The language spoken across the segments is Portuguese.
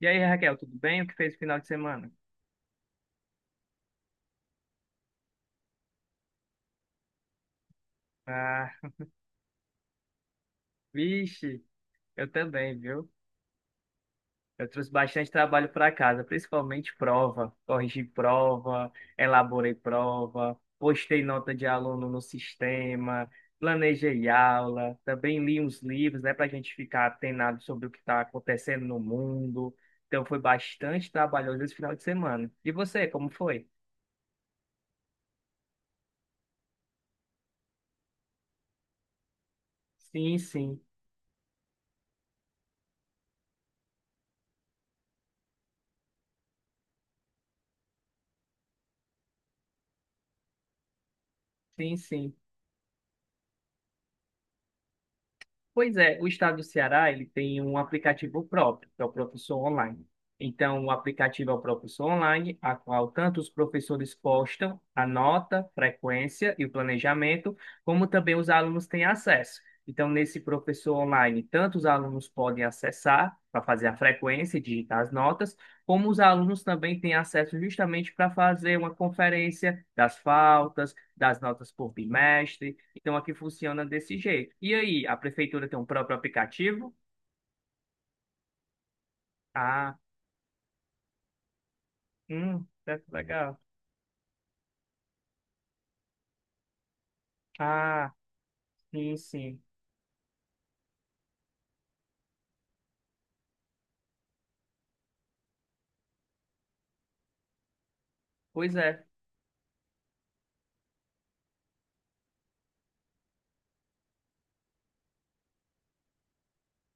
E aí, Raquel, tudo bem? O que fez no final de semana? Ah, vixe, eu também, viu? Eu trouxe bastante trabalho para casa, principalmente prova. Corrigi prova, elaborei prova, postei nota de aluno no sistema, planejei aula, também li uns livros, né, para a gente ficar atenado sobre o que está acontecendo no mundo. Então, foi bastante trabalhoso esse final de semana. E você, como foi? Sim, sim, sim, sim. Pois é, o estado do Ceará, ele tem um aplicativo próprio, que é o Professor Online. Então, o aplicativo é o Professor Online, a qual tanto os professores postam a nota, frequência e o planejamento, como também os alunos têm acesso. Então, nesse Professor Online, tanto os alunos podem acessar para fazer a frequência e digitar as notas, como os alunos também têm acesso justamente para fazer uma conferência das faltas, das notas por bimestre, então aqui funciona desse jeito. E aí, a prefeitura tem um próprio aplicativo? Ah, certo, legal. Ah, sim, sim. Pois é.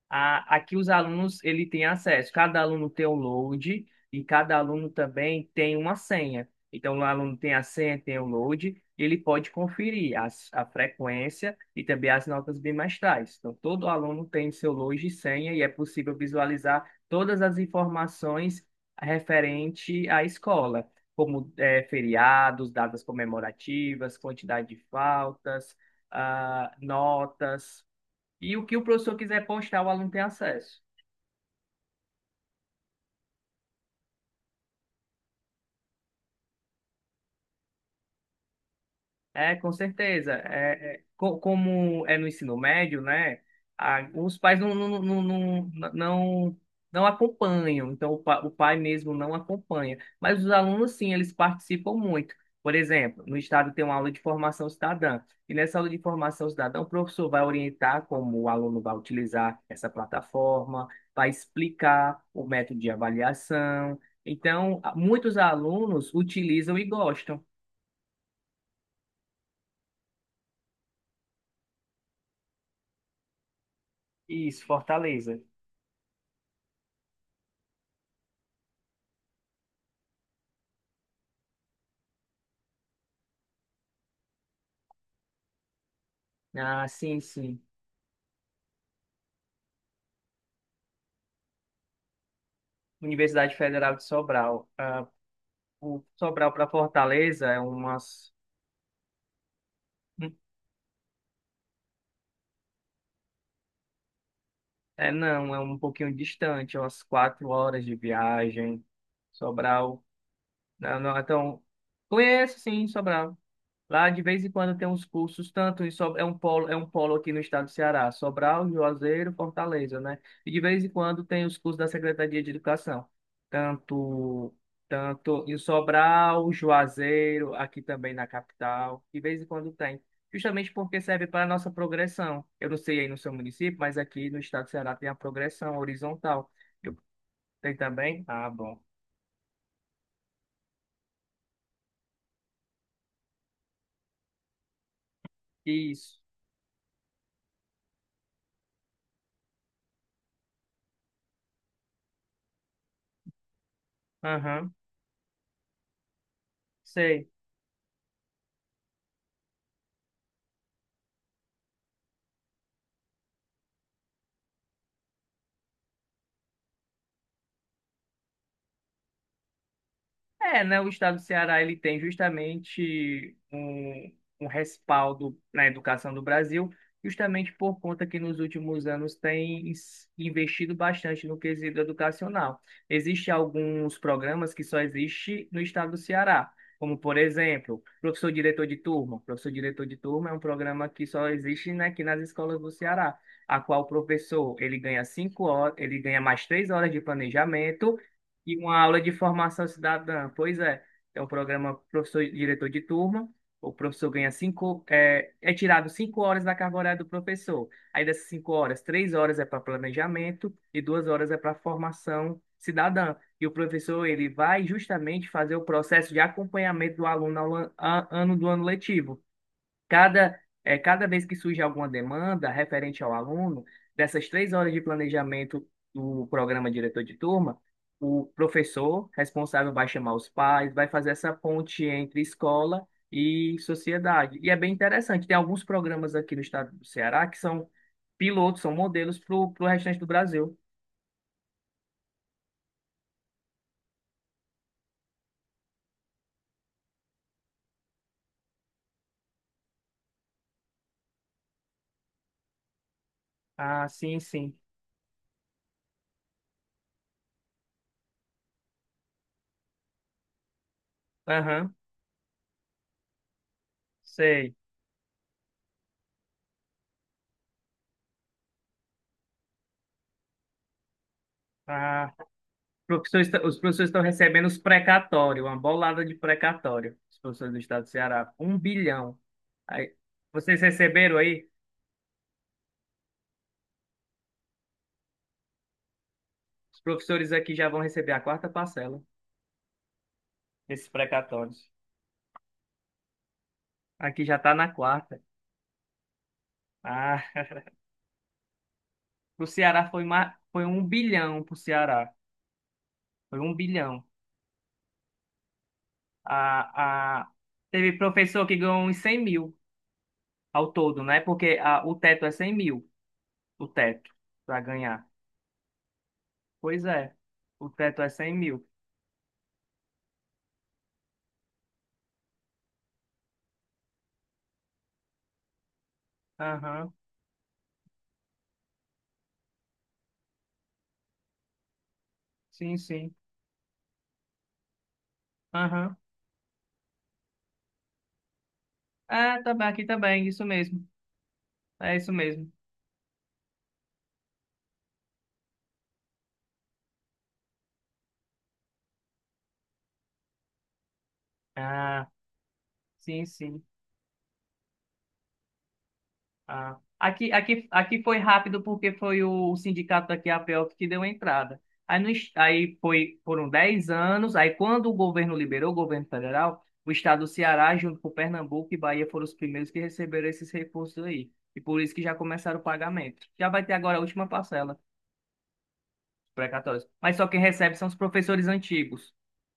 Aqui os alunos ele tem acesso. Cada aluno tem o load e cada aluno também tem uma senha. Então, o aluno tem a senha, tem o load, ele pode conferir a frequência e também as notas bimestrais. Então, todo aluno tem seu load e senha e é possível visualizar todas as informações referente à escola, como feriados, datas comemorativas, quantidade de faltas, notas. E o que o professor quiser postar, o aluno tem acesso. É, com certeza. É, como é no ensino médio, né? Os pais não acompanham, então o pai mesmo não acompanha. Mas os alunos, sim, eles participam muito. Por exemplo, no estado tem uma aula de formação cidadã, e nessa aula de formação cidadã, o professor vai orientar como o aluno vai utilizar essa plataforma, vai explicar o método de avaliação. Então, muitos alunos utilizam e gostam. Isso, Fortaleza. Ah, sim, sim. Universidade Federal de Sobral. Ah, o Sobral para Fortaleza é umas. Hum, é, não, é um pouquinho distante, é umas 4 horas de viagem. Sobral. Não, não, então, conheço sim Sobral. Lá de vez em quando tem uns cursos, é um polo aqui no estado do Ceará, Sobral, Juazeiro, Fortaleza, né? E de vez em quando tem os cursos da Secretaria de Educação, tanto tanto em Sobral, Juazeiro, aqui também na capital, de vez em quando tem. Justamente porque serve para a nossa progressão. Eu não sei aí no seu município, mas aqui no estado do Ceará tem a progressão horizontal. Eu- Tem também? Ah, bom. Isso. Aham. Sei. É, né, o estado do Ceará ele tem justamente um respaldo na educação do Brasil, justamente por conta que nos últimos anos tem investido bastante no quesito educacional. Existem alguns programas que só existem no estado do Ceará, como, por exemplo, professor diretor de turma. Professor diretor de turma é um programa que só existe, né, aqui nas escolas do Ceará, a qual o professor ele ganha 5 horas, ele ganha mais 3 horas de planejamento e uma aula de formação cidadã. Pois é, é um programa professor e diretor de turma. O professor ganha é tirado 5 horas da carga horária do professor. Aí dessas 5 horas, 3 horas é para planejamento e 2 horas é para formação cidadã. E o professor ele vai justamente fazer o processo de acompanhamento do aluno ao ano do ano letivo. Cada vez que surge alguma demanda referente ao aluno, dessas 3 horas de planejamento do programa diretor de turma, o professor responsável vai chamar os pais, vai fazer essa ponte entre escola e sociedade. E é bem interessante. Tem alguns programas aqui no estado do Ceará que são pilotos, são modelos para o restante do Brasil. Ah, sim, sim. Aham, sei. Ah, os professores estão recebendo os precatórios, uma bolada de precatório, os professores do estado do Ceará, 1 bilhão. Aí, vocês receberam aí? Os professores aqui já vão receber a quarta parcela desses precatórios. Aqui já está na quarta. Ah, o Ceará foi 1 bilhão para o Ceará. Foi 1 bilhão. A Teve professor que ganhou uns 100 mil ao todo, né? Porque o teto é 100 mil, o teto, para ganhar. Pois é, o teto é 100 mil. Aham. Sim, sim. Aham. Ah, tá bem, aqui também, isso mesmo. É isso mesmo. Ah, sim, sim. Ah. Aqui foi rápido porque foi o sindicato daqui a Pelp que deu a entrada. Aí, no, es- aí foram 10 anos, aí quando o governo liberou, o governo federal, o estado do Ceará, junto com Pernambuco e Bahia, foram os primeiros que receberam esses recursos aí. E por isso que já começaram o pagamento. Já vai ter agora a última parcela, precatórios. Mas só quem recebe são os professores antigos.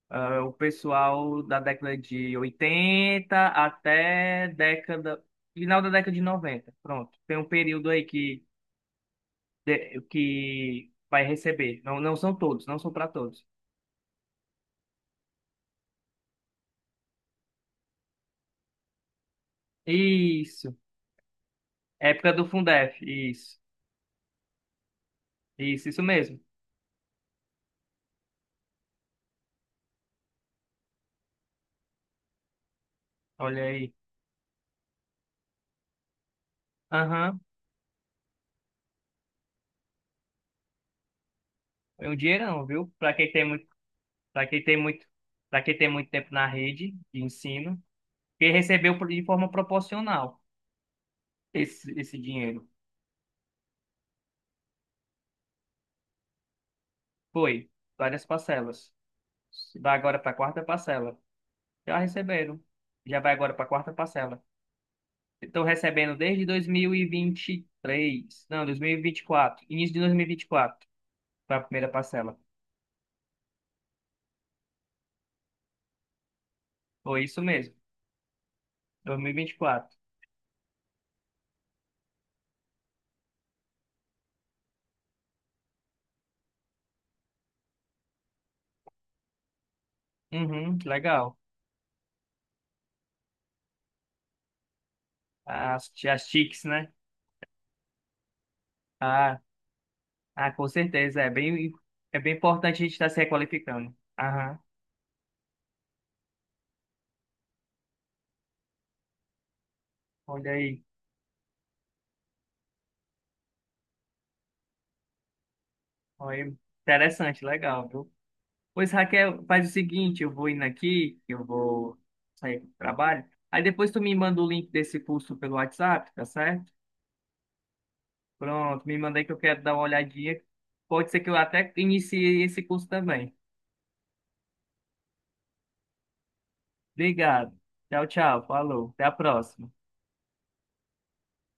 Ah, o pessoal da década de 80 até final da década de 90. Pronto. Tem um período aí que vai receber. Não, não são todos, não são para todos. Isso. Época do Fundef. Isso. Isso mesmo. Olha aí. Aham. É um dinheirão, viu? Para quem tem muito, para quem tem muito tempo na rede de ensino, que recebeu de forma proporcional esse dinheiro. Foi. Várias parcelas. Vai agora para a quarta parcela. Já receberam. Já vai agora para a quarta parcela. Estão recebendo desde 2023. Não, 2024. Início de 2024 para a primeira parcela. Foi isso mesmo. 2024. Uhum, que legal. As TICs, né? Ah, ah, com certeza. É bem importante a gente estar se requalificando. Aham, olha aí. Olha aí. Interessante, legal, viu? Pois, Raquel, faz o seguinte, eu vou indo aqui, eu vou sair do trabalho. Aí depois tu me manda o link desse curso pelo WhatsApp, tá certo? Pronto, me manda aí que eu quero dar uma olhadinha. Pode ser que eu até inicie esse curso também. Obrigado. Tchau, tchau. Falou. Até a próxima.